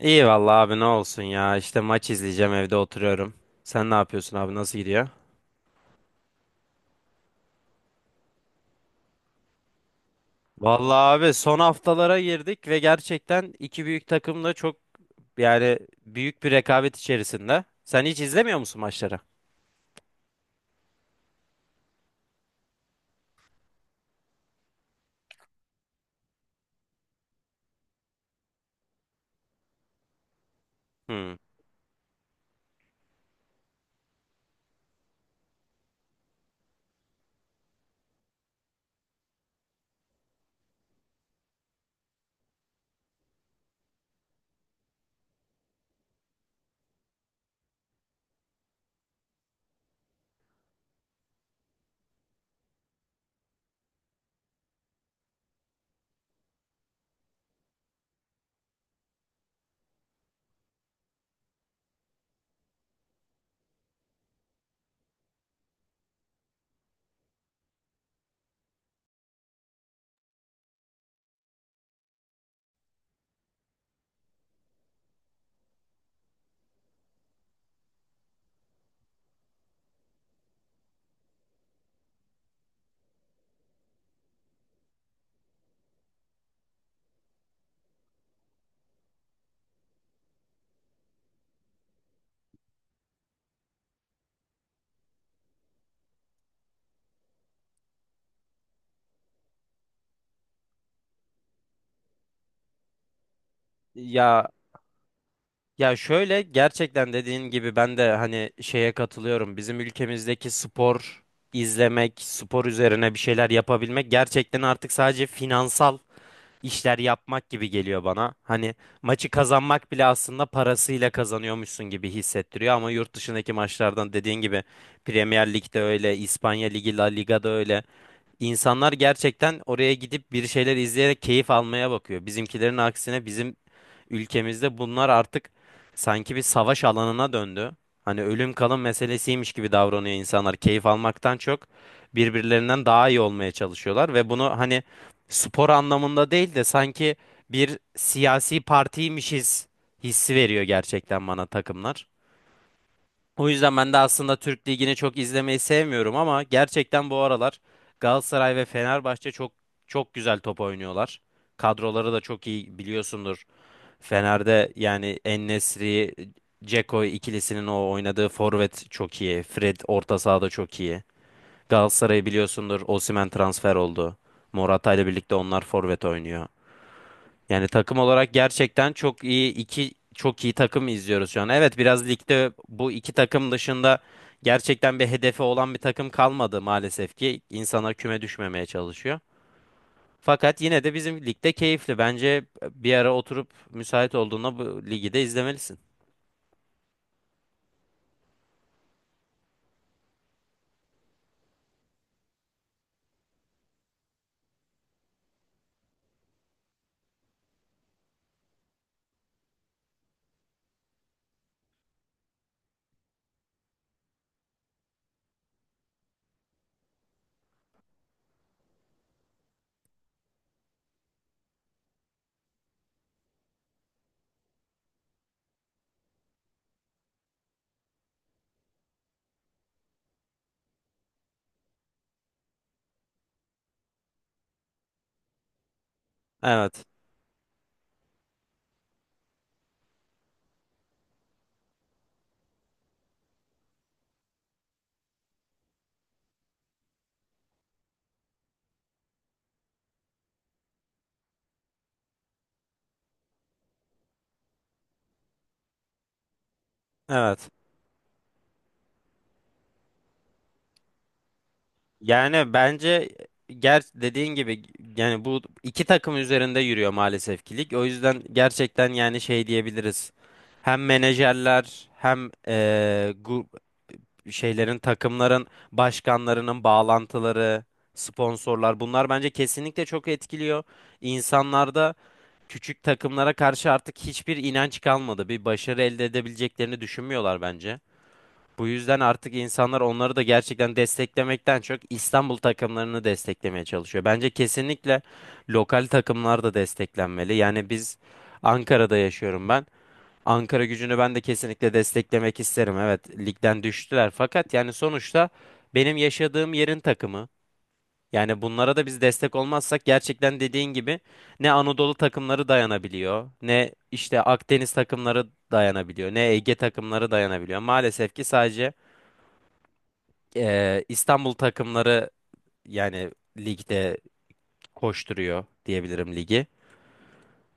İyi vallahi abi ne olsun ya. İşte maç izleyeceğim evde oturuyorum. Sen ne yapıyorsun abi nasıl gidiyor? Vallahi abi son haftalara girdik ve gerçekten iki büyük takım da çok yani büyük bir rekabet içerisinde. Sen hiç izlemiyor musun maçları? Hmm. Ya ya şöyle gerçekten dediğin gibi ben de hani şeye katılıyorum. Bizim ülkemizdeki spor izlemek, spor üzerine bir şeyler yapabilmek gerçekten artık sadece finansal işler yapmak gibi geliyor bana. Hani maçı kazanmak bile aslında parasıyla kazanıyormuşsun gibi hissettiriyor ama yurt dışındaki maçlardan dediğin gibi Premier Lig'de öyle, İspanya Ligi, La Liga'da öyle. İnsanlar gerçekten oraya gidip bir şeyler izleyerek keyif almaya bakıyor. Bizimkilerin aksine bizim ülkemizde bunlar artık sanki bir savaş alanına döndü. Hani ölüm kalım meselesiymiş gibi davranıyor insanlar. Keyif almaktan çok birbirlerinden daha iyi olmaya çalışıyorlar ve bunu hani spor anlamında değil de sanki bir siyasi partiymişiz hissi veriyor gerçekten bana takımlar. O yüzden ben de aslında Türk Ligi'ni çok izlemeyi sevmiyorum ama gerçekten bu aralar Galatasaray ve Fenerbahçe çok çok güzel top oynuyorlar. Kadroları da çok iyi biliyorsundur. Fener'de yani En-Nesyri, Dzeko ikilisinin o oynadığı forvet çok iyi. Fred orta sahada çok iyi. Galatasaray'ı biliyorsundur. Osimhen transfer oldu. Morata ile birlikte onlar forvet oynuyor. Yani takım olarak gerçekten çok iyi iki çok iyi takım izliyoruz şu an. Evet biraz ligde bu iki takım dışında gerçekten bir hedefi olan bir takım kalmadı maalesef ki insanlar küme düşmemeye çalışıyor. Fakat yine de bizim ligde keyifli. Bence bir ara oturup müsait olduğunda bu ligi de izlemelisin. Evet. Evet. Yani bence ger dediğin gibi yani bu iki takım üzerinde yürüyor maalesef ki lig. O yüzden gerçekten yani şey diyebiliriz. Hem menajerler hem şeylerin takımların başkanlarının bağlantıları, sponsorlar bunlar bence kesinlikle çok etkiliyor. İnsanlarda küçük takımlara karşı artık hiçbir inanç kalmadı. Bir başarı elde edebileceklerini düşünmüyorlar bence. Bu yüzden artık insanlar onları da gerçekten desteklemekten çok İstanbul takımlarını desteklemeye çalışıyor. Bence kesinlikle lokal takımlar da desteklenmeli. Yani biz Ankara'da yaşıyorum ben. Ankara Gücü'nü ben de kesinlikle desteklemek isterim. Evet, ligden düştüler fakat yani sonuçta benim yaşadığım yerin takımı. Yani bunlara da biz destek olmazsak gerçekten dediğin gibi ne Anadolu takımları dayanabiliyor, ne işte Akdeniz takımları dayanabiliyor, ne Ege takımları dayanabiliyor. Maalesef ki sadece İstanbul takımları yani ligde koşturuyor diyebilirim ligi.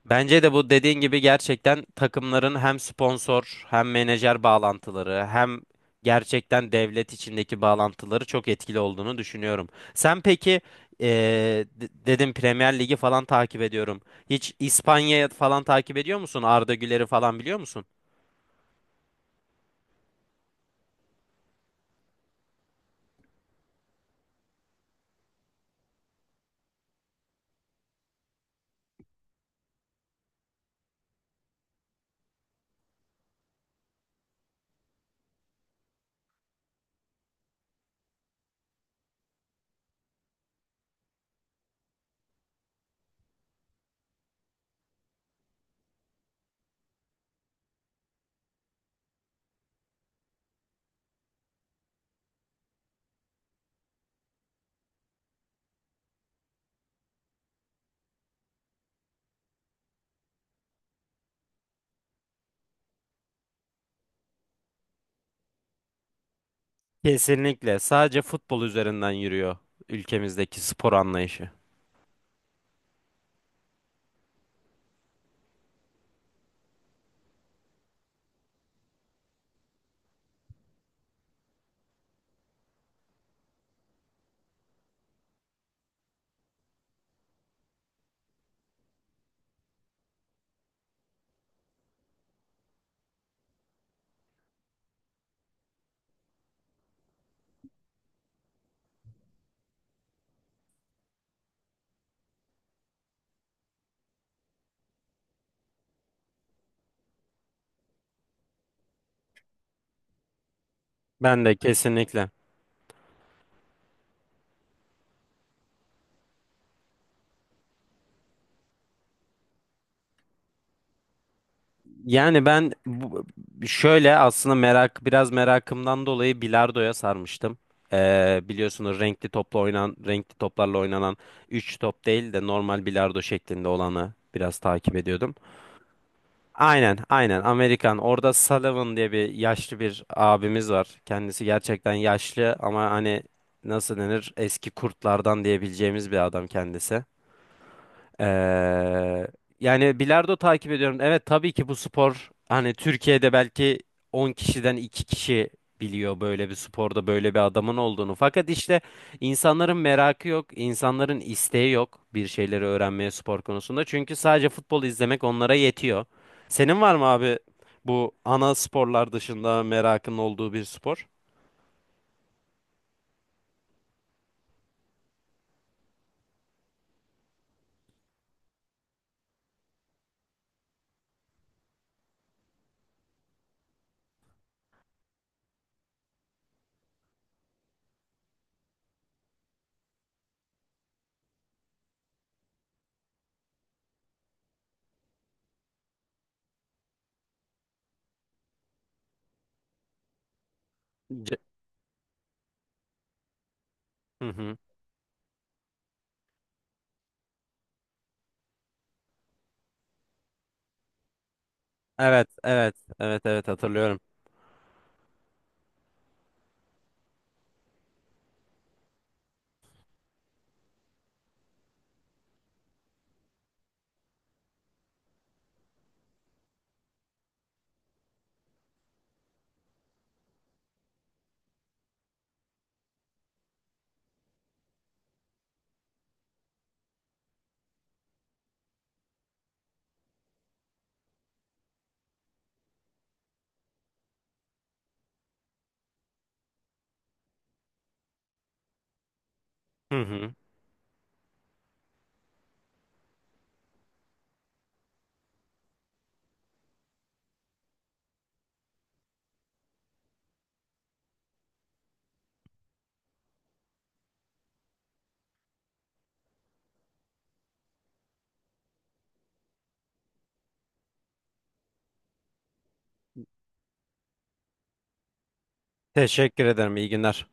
Bence de bu dediğin gibi gerçekten takımların hem sponsor hem menajer bağlantıları hem gerçekten devlet içindeki bağlantıları çok etkili olduğunu düşünüyorum. Sen peki dedim Premier Ligi falan takip ediyorum. Hiç İspanya'yı falan takip ediyor musun? Arda Güler'i falan biliyor musun? Kesinlikle. Sadece futbol üzerinden yürüyor ülkemizdeki spor anlayışı. Ben de kesinlikle. Yani ben şöyle aslında merak biraz merakımdan dolayı bilardoya sarmıştım. Biliyorsunuz renkli toplarla oynanan 3 top değil de normal bilardo şeklinde olanı biraz takip ediyordum. Aynen aynen, Amerikan orada Sullivan diye bir yaşlı bir abimiz var. Kendisi gerçekten yaşlı ama hani nasıl denir eski kurtlardan diyebileceğimiz bir adam kendisi. Ee, yani bilardo takip ediyorum. Evet tabii ki bu spor hani Türkiye'de belki 10 kişiden 2 kişi biliyor böyle bir sporda böyle bir adamın olduğunu. Fakat işte insanların merakı yok, insanların isteği yok bir şeyleri öğrenmeye spor konusunda. Çünkü sadece futbol izlemek onlara yetiyor. Senin var mı abi bu ana sporlar dışında merakın olduğu bir spor? C- Hı hı. Evet, evet, evet, evet hatırlıyorum. Hı hı. Teşekkür ederim. İyi günler.